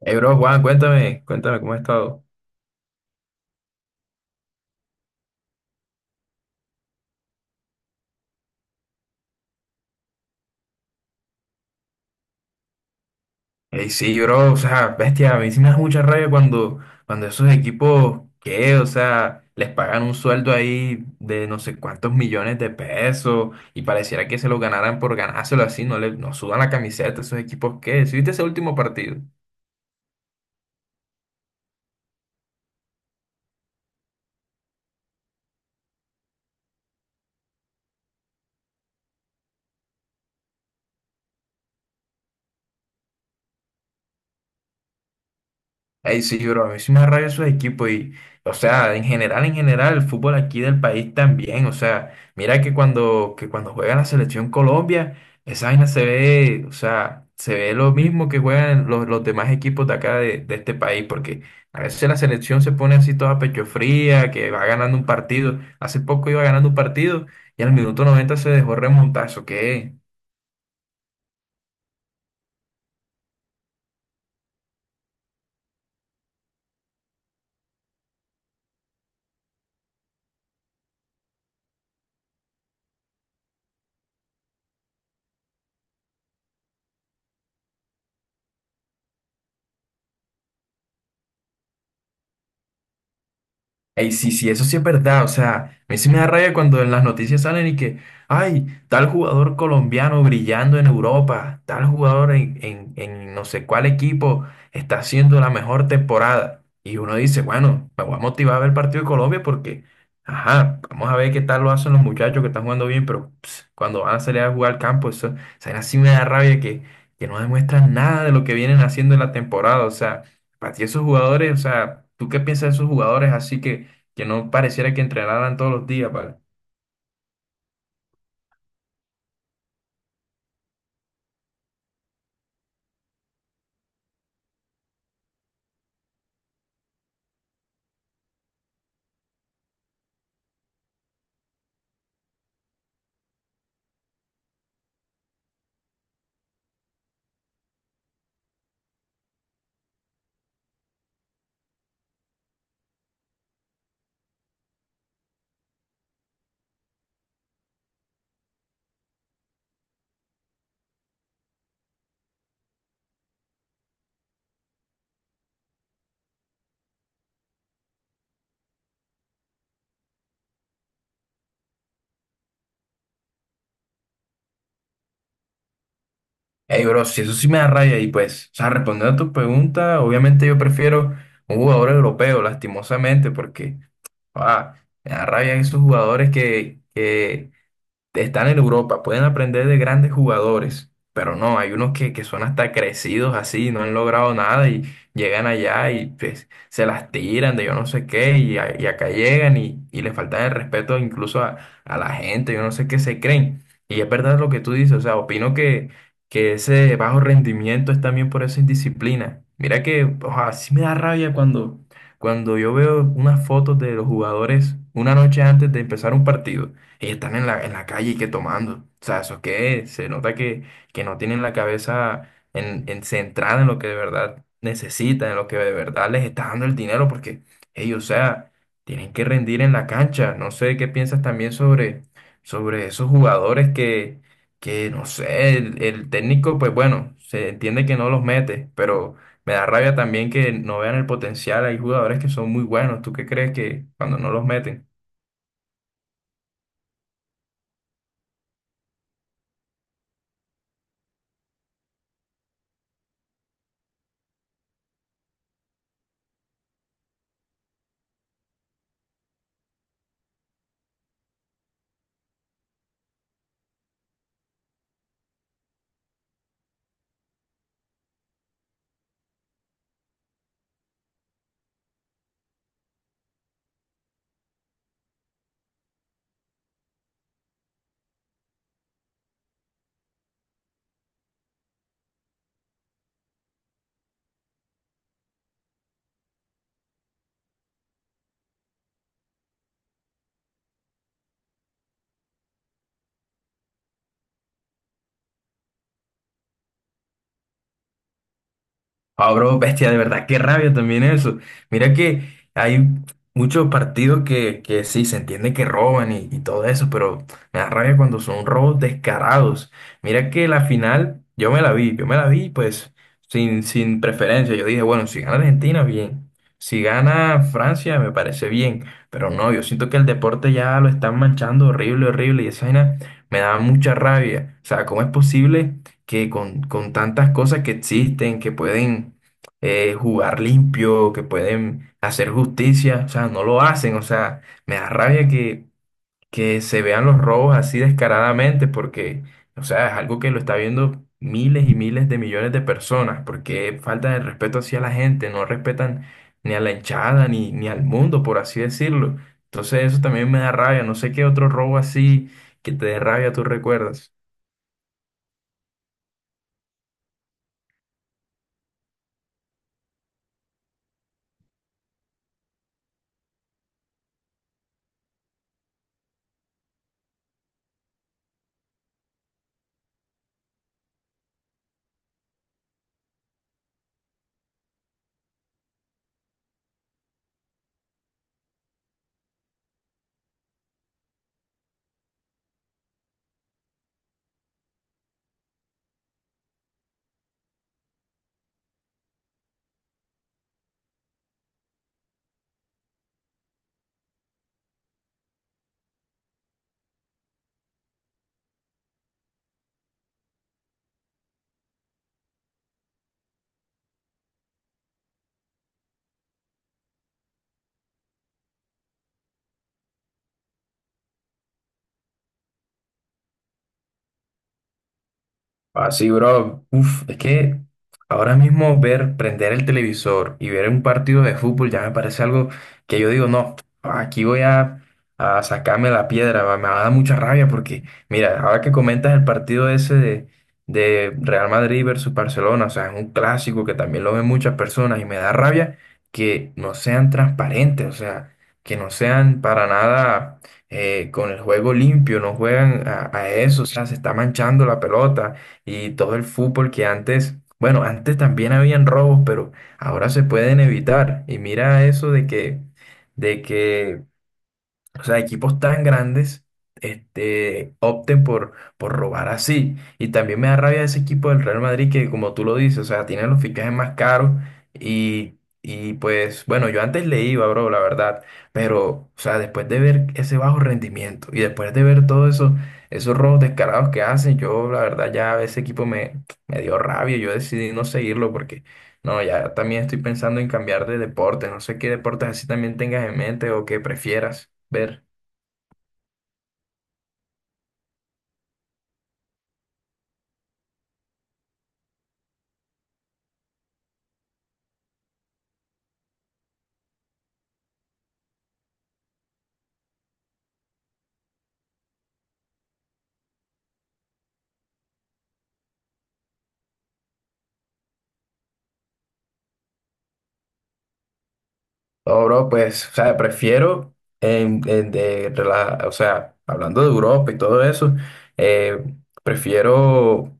Hey, bro, Juan, cuéntame cómo has estado. Hey, sí, bro, o sea, bestia, a mí sí me da mucha rabia cuando esos equipos, ¿qué? O sea, les pagan un sueldo ahí de no sé cuántos millones de pesos y pareciera que se lo ganaran por ganárselo así, no sudan la camiseta, esos equipos, ¿qué? ¿Sí viste ese último partido? Ay, sí, bro, a mí sí me da rabia esos equipos y, o sea, en general, el fútbol aquí del país también, o sea, mira que cuando juega la selección Colombia, esa vaina se ve, o sea, se ve lo mismo que juegan los demás equipos de acá de este país, porque a veces la selección se pone así toda pecho fría, que va ganando un partido, hace poco iba ganando un partido y al minuto 90 se dejó remontar, ¿eso qué es? Ey, sí, sí, eso sí es verdad. O sea, a mí sí me da rabia cuando en las noticias salen y que, ay, tal jugador colombiano brillando en Europa, tal jugador en no sé cuál equipo está haciendo la mejor temporada. Y uno dice, bueno, me voy a motivar a ver el partido de Colombia porque, ajá, vamos a ver qué tal lo hacen los muchachos que están jugando bien, pero ps, cuando van a salir a jugar al campo, eso, o sea, así me da rabia que no demuestran nada de lo que vienen haciendo en la temporada. O sea, para ti esos jugadores, o sea, ¿tú qué piensas de esos jugadores así que no pareciera que entrenaran todos los días, ¿vale? Ey, bro, si eso sí me da raya y pues, o sea, respondiendo a tu pregunta, obviamente yo prefiero un jugador europeo, lastimosamente, porque, ah, me da raya esos jugadores que están en Europa, pueden aprender de grandes jugadores, pero no, hay unos que son hasta crecidos así, no han logrado nada y llegan allá y pues, se las tiran de yo no sé qué y, y acá llegan y les faltan el respeto incluso a la gente, yo no sé qué se creen. Y es verdad lo que tú dices, o sea, opino que ese bajo rendimiento es también por esa indisciplina. Mira que, o sea, sí me da rabia cuando yo veo unas fotos de los jugadores una noche antes de empezar un partido ellos están en la calle y que tomando. O sea, eso es que se nota que no tienen la cabeza en centrada en lo que de verdad necesitan, en lo que de verdad les está dando el dinero, porque ellos, o sea, tienen que rendir en la cancha. No sé qué piensas también sobre, sobre esos jugadores que no sé, el técnico, pues bueno, se entiende que no los mete, pero me da rabia también que no vean el potencial. Hay jugadores que son muy buenos. ¿Tú qué crees que cuando no los meten? Ah, bro, bestia, de verdad, qué rabia también eso. Mira que hay muchos partidos que sí, se entiende que roban y todo eso, pero me da rabia cuando son robos descarados. Mira que la final, yo me la vi pues sin preferencia. Yo dije, bueno, si gana Argentina, bien. Si gana Francia, me parece bien. Pero no, yo siento que el deporte ya lo están manchando horrible, horrible, y esa vaina me da mucha rabia. O sea, ¿cómo es posible? Que con tantas cosas que existen, que pueden jugar limpio, que pueden hacer justicia, o sea, no lo hacen, o sea, me da rabia que se vean los robos así descaradamente, porque, o sea, es algo que lo está viendo miles y miles de millones de personas, porque falta de respeto hacia la gente, no respetan ni a la hinchada, ni al mundo, por así decirlo. Entonces eso también me da rabia, no sé qué otro robo así que te dé rabia tú recuerdas. Así, bro. Uf, es que ahora mismo ver, prender el televisor y ver un partido de fútbol ya me parece algo que yo digo, no, aquí voy a sacarme la piedra, me va a dar mucha rabia porque, mira, ahora que comentas el partido ese de Real Madrid versus Barcelona, o sea, es un clásico que también lo ven muchas personas y me da rabia que no sean transparentes, o sea, que no sean para nada con el juego limpio, no juegan a eso, o sea, se está manchando la pelota y todo el fútbol que antes, bueno, antes también habían robos, pero ahora se pueden evitar. Y mira eso de que o sea, equipos tan grandes este, opten por robar así. Y también me da rabia ese equipo del Real Madrid que, como tú lo dices, o sea, tienen los fichajes más caros y, y pues, bueno, yo antes le iba, bro, la verdad, pero, o sea, después de ver ese bajo rendimiento y después de ver todo eso, esos robos descarados que hacen, yo, la verdad, ya ese equipo me, me dio rabia, yo decidí no seguirlo porque, no, ya también estoy pensando en cambiar de deporte, no sé qué deportes así también tengas en mente o que prefieras ver. No, bro, pues, o sea, prefiero, o sea, hablando de Europa y todo eso, eh, prefiero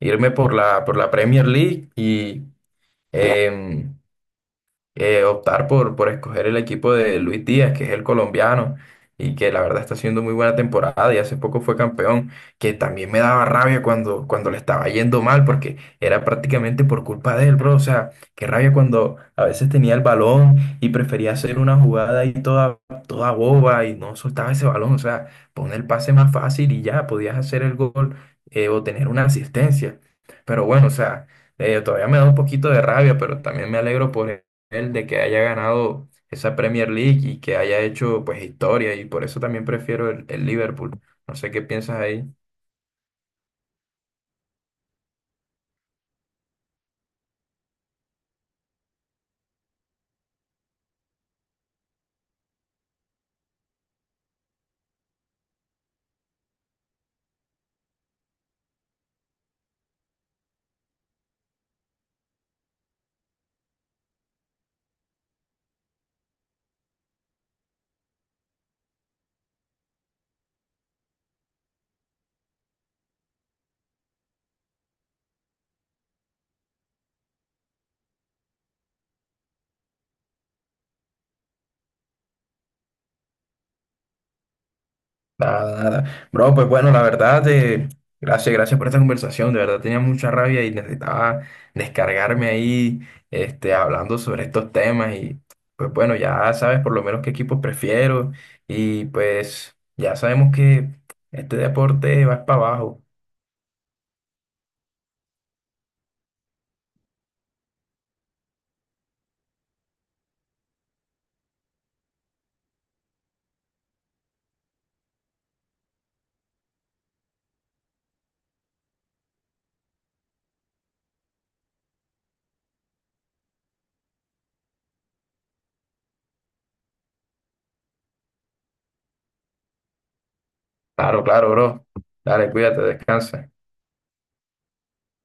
irme por la Premier League y, em, optar por escoger el equipo de Luis Díaz, que es el colombiano, y que la verdad está haciendo muy buena temporada y hace poco fue campeón, que también me daba rabia cuando le estaba yendo mal, porque era prácticamente por culpa de él, bro. O sea, qué rabia cuando a veces tenía el balón y prefería hacer una jugada ahí toda, toda boba y no soltaba ese balón. O sea, pon el pase más fácil y ya podías hacer el gol o tener una asistencia. Pero bueno, o sea todavía me da un poquito de rabia, pero también me alegro por él de que haya ganado esa Premier League y que haya hecho pues historia y por eso también prefiero el Liverpool. No sé qué piensas ahí. Nada, nada. Bro, pues bueno, la verdad, gracias por esta conversación. De verdad tenía mucha rabia y necesitaba descargarme ahí, este, hablando sobre estos temas y pues bueno, ya sabes por lo menos qué equipos prefiero y pues ya sabemos que este deporte va para abajo. Claro, claro, bro. Dale, cuídate, descansa.